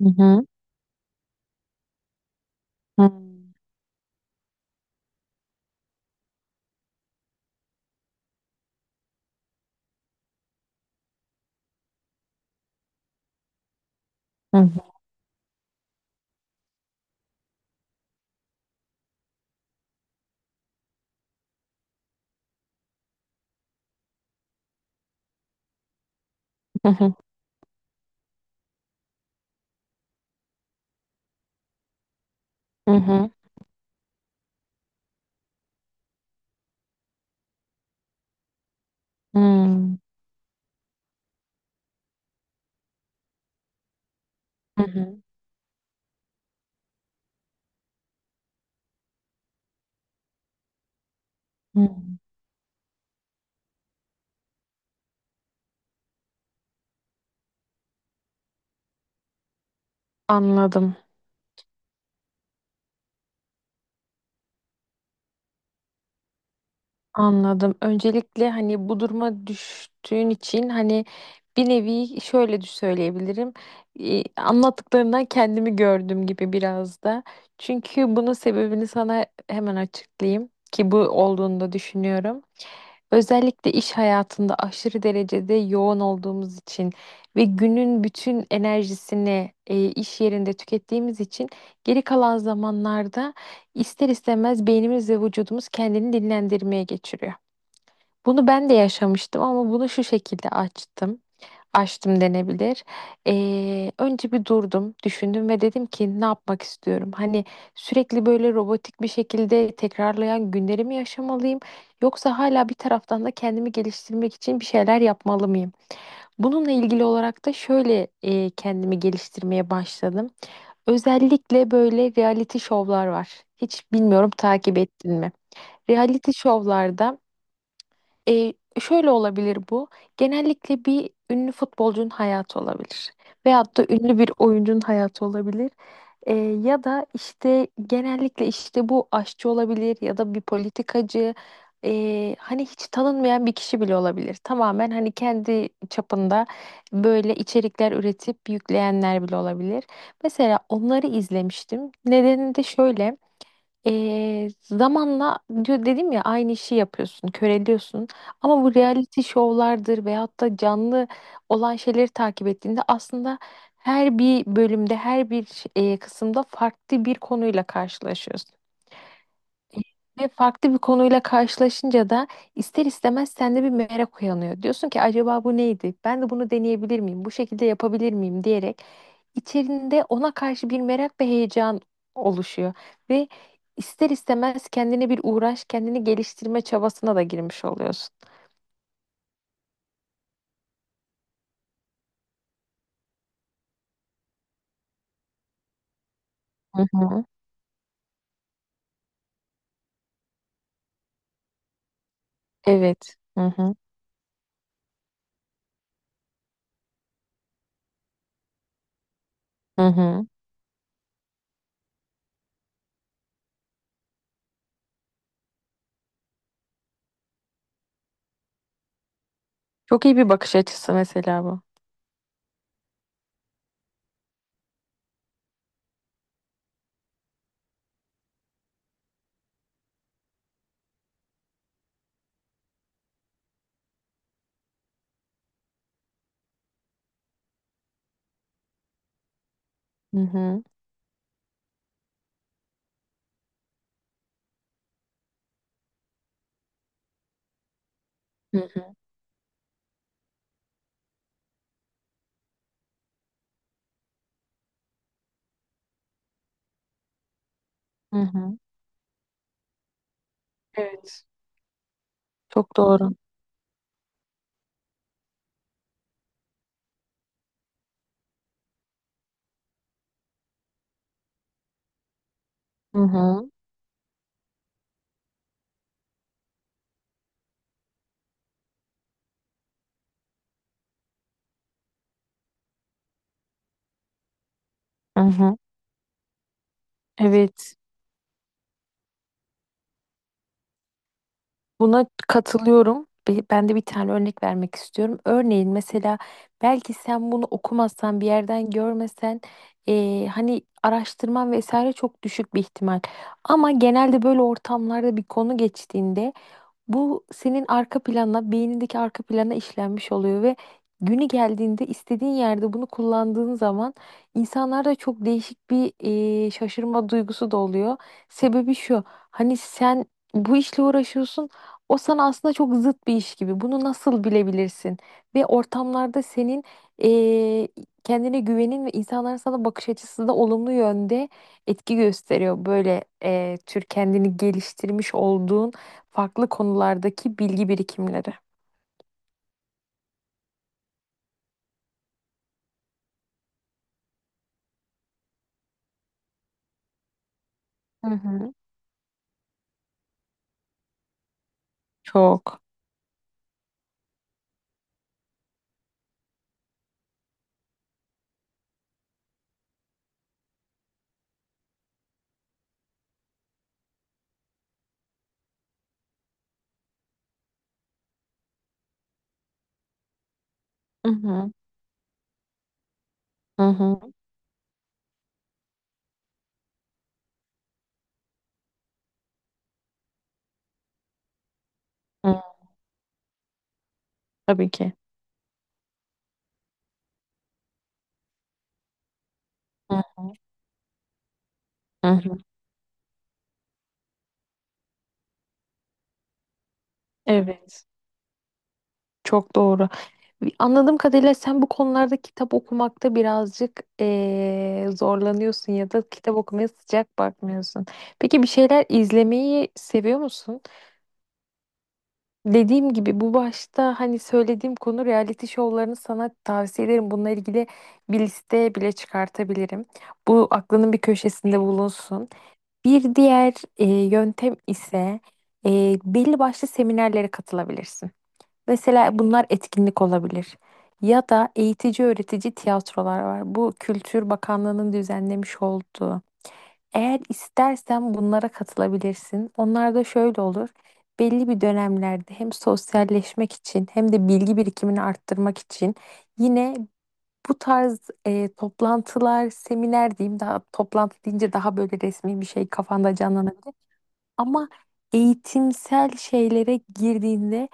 Hı hı. Hı hı. Hı hı. Hı hı. Hı hı. Hı hı. Anladım. Anladım. Öncelikle hani bu duruma düştüğün için hani bir nevi şöyle de söyleyebilirim. Anlattıklarından kendimi gördüm gibi biraz da. Çünkü bunun sebebini sana hemen açıklayayım ki bu olduğunu da düşünüyorum. Özellikle iş hayatında aşırı derecede yoğun olduğumuz için ve günün bütün enerjisini iş yerinde tükettiğimiz için geri kalan zamanlarda ister istemez beynimiz ve vücudumuz kendini dinlendirmeye geçiriyor. Bunu ben de yaşamıştım ama bunu şu şekilde açtım, açtım denebilir. Önce bir durdum, düşündüm ve dedim ki ne yapmak istiyorum? Hani sürekli böyle robotik bir şekilde tekrarlayan günlerimi yaşamalıyım? Yoksa hala bir taraftan da kendimi geliştirmek için bir şeyler yapmalı mıyım? Bununla ilgili olarak da şöyle kendimi geliştirmeye başladım. Özellikle böyle reality şovlar var. Hiç bilmiyorum takip ettin mi? Reality şovlarda e, şöyle olabilir bu. Genellikle bir ünlü futbolcunun hayatı olabilir. Veyahut da ünlü bir oyuncunun hayatı olabilir. Ya da işte genellikle işte bu aşçı olabilir ya da bir politikacı. Hani hiç tanınmayan bir kişi bile olabilir. Tamamen hani kendi çapında böyle içerikler üretip yükleyenler bile olabilir. Mesela onları izlemiştim. Nedeni de şöyle. Zamanla diyor dedim ya aynı işi yapıyorsun, köreliyorsun. Ama bu reality şovlardır veyahut da canlı olan şeyleri takip ettiğinde aslında her bir bölümde, her bir kısımda farklı bir konuyla karşılaşıyorsun. Ve farklı bir konuyla karşılaşınca da ister istemez sende bir merak uyanıyor. Diyorsun ki acaba bu neydi? Ben de bunu deneyebilir miyim? Bu şekilde yapabilir miyim diyerek içerinde ona karşı bir merak ve heyecan oluşuyor. Ve ister istemez kendine bir uğraş, kendini geliştirme çabasına da girmiş oluyorsun. Hı hı. Evet. Hı hı. Hı hı. Çok iyi bir bakış açısı mesela bu. Hı hı. Hı hı. Hı hı. Evet. Çok doğru. Hı hı. Hı hı. Evet. Buna katılıyorum. Ben de bir tane örnek vermek istiyorum. Örneğin mesela belki sen bunu okumazsan bir yerden görmesen hani araştırman vesaire çok düşük bir ihtimal. Ama genelde böyle ortamlarda bir konu geçtiğinde bu senin arka plana, beynindeki arka plana işlenmiş oluyor ve günü geldiğinde istediğin yerde bunu kullandığın zaman insanlarda çok değişik bir şaşırma duygusu da oluyor. Sebebi şu, hani sen bu işle uğraşıyorsun, o sana aslında çok zıt bir iş gibi. Bunu nasıl bilebilirsin? Ve ortamlarda senin e, kendine güvenin ve insanların sana bakış açısı da olumlu yönde etki gösteriyor. Böyle tür kendini geliştirmiş olduğun farklı konulardaki bilgi birikimleri. Hı hı. Çok. Hı hı. Hı hı. Hı. Tabii ki. Hı hı, hı. Evet. Çok doğru. Anladığım kadarıyla sen bu konularda kitap okumakta birazcık zorlanıyorsun ya da kitap okumaya sıcak bakmıyorsun. Peki bir şeyler izlemeyi seviyor musun? Dediğim gibi bu başta hani söylediğim konu reality şovlarını sana tavsiye ederim. Bununla ilgili bir liste bile çıkartabilirim. Bu aklının bir köşesinde bulunsun. Bir diğer yöntem ise belli başlı seminerlere katılabilirsin. Mesela bunlar etkinlik olabilir. Ya da eğitici öğretici tiyatrolar var. Bu Kültür Bakanlığı'nın düzenlemiş olduğu. Eğer istersen bunlara katılabilirsin. Onlar da şöyle olur. Belli bir dönemlerde hem sosyalleşmek için hem de bilgi birikimini arttırmak için yine bu tarz toplantılar, seminer diyeyim daha toplantı deyince daha böyle resmi bir şey kafanda canlanabilir. Ama eğitimsel şeylere girdiğinde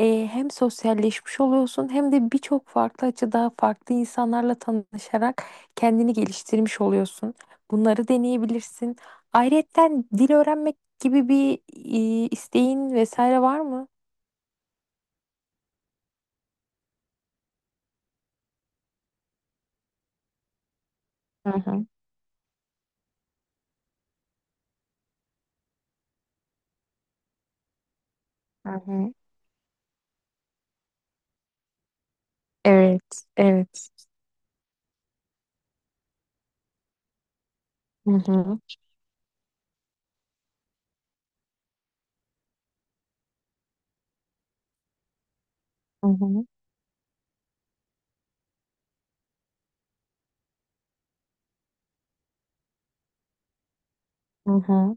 hem sosyalleşmiş oluyorsun hem de birçok farklı açıda farklı insanlarla tanışarak kendini geliştirmiş oluyorsun. Bunları deneyebilirsin. Ayrıyeten dil öğrenmek gibi bir isteğin vesaire var mı? Hı hı, hı hı. Evet, evet. Hı hı, hı hı, hı hı.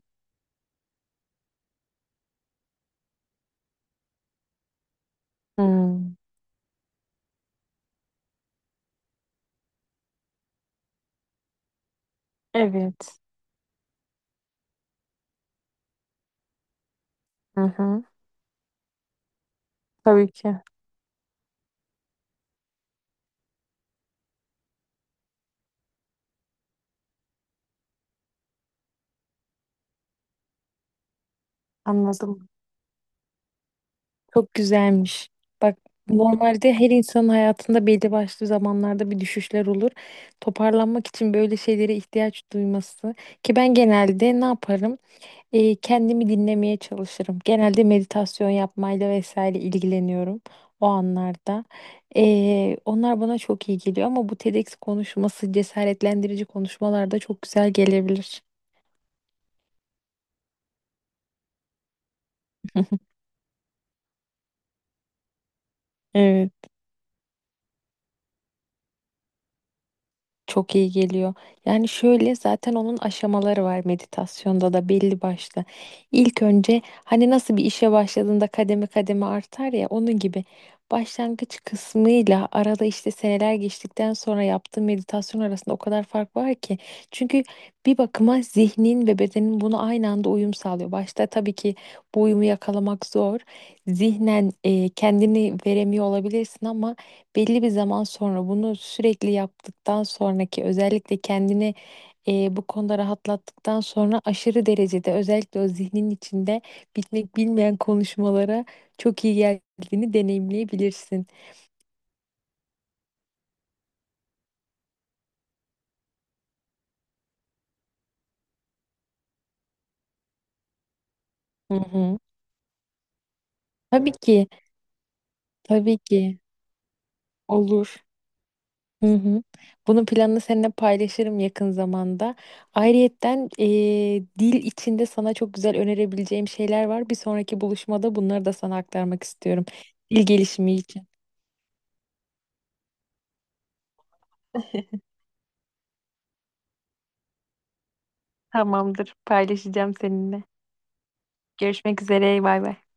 Hmm. Evet. Hı hı. Tabii ki. Anladım. Çok güzelmiş. Bak normalde her insanın hayatında belli başlı zamanlarda bir düşüşler olur. Toparlanmak için böyle şeylere ihtiyaç duyması ki ben genelde ne yaparım? Kendimi dinlemeye çalışırım. Genelde meditasyon yapmayla vesaire ilgileniyorum o anlarda. Onlar bana çok iyi geliyor ama bu TEDx konuşması cesaretlendirici konuşmalarda çok güzel gelebilir. Evet. Çok iyi geliyor. Yani şöyle zaten onun aşamaları var meditasyonda da belli başlı. İlk önce hani nasıl bir işe başladığında kademe kademe artar ya onun gibi başlangıç kısmıyla arada işte seneler geçtikten sonra yaptığım meditasyon arasında o kadar fark var ki. Çünkü bir bakıma zihnin ve bedenin bunu aynı anda uyum sağlıyor. Başta tabii ki bu uyumu yakalamak zor. Zihnen kendini veremiyor olabilirsin ama belli bir zaman sonra bunu sürekli yaptıktan sonraki özellikle kendini bu konuda rahatlattıktan sonra aşırı derecede özellikle o zihnin içinde bitmek bilmeyen konuşmalara çok iyi geldiğini deneyimleyebilirsin. Hı hı. Tabii ki, tabii ki olur. Hı hı. Bunun planını seninle paylaşırım yakın zamanda. Ayrıyetten dil içinde sana çok güzel önerebileceğim şeyler var. Bir sonraki buluşmada bunları da sana aktarmak istiyorum. Dil gelişimi için. Tamamdır. Paylaşacağım seninle. Görüşmek üzere. Bay bay.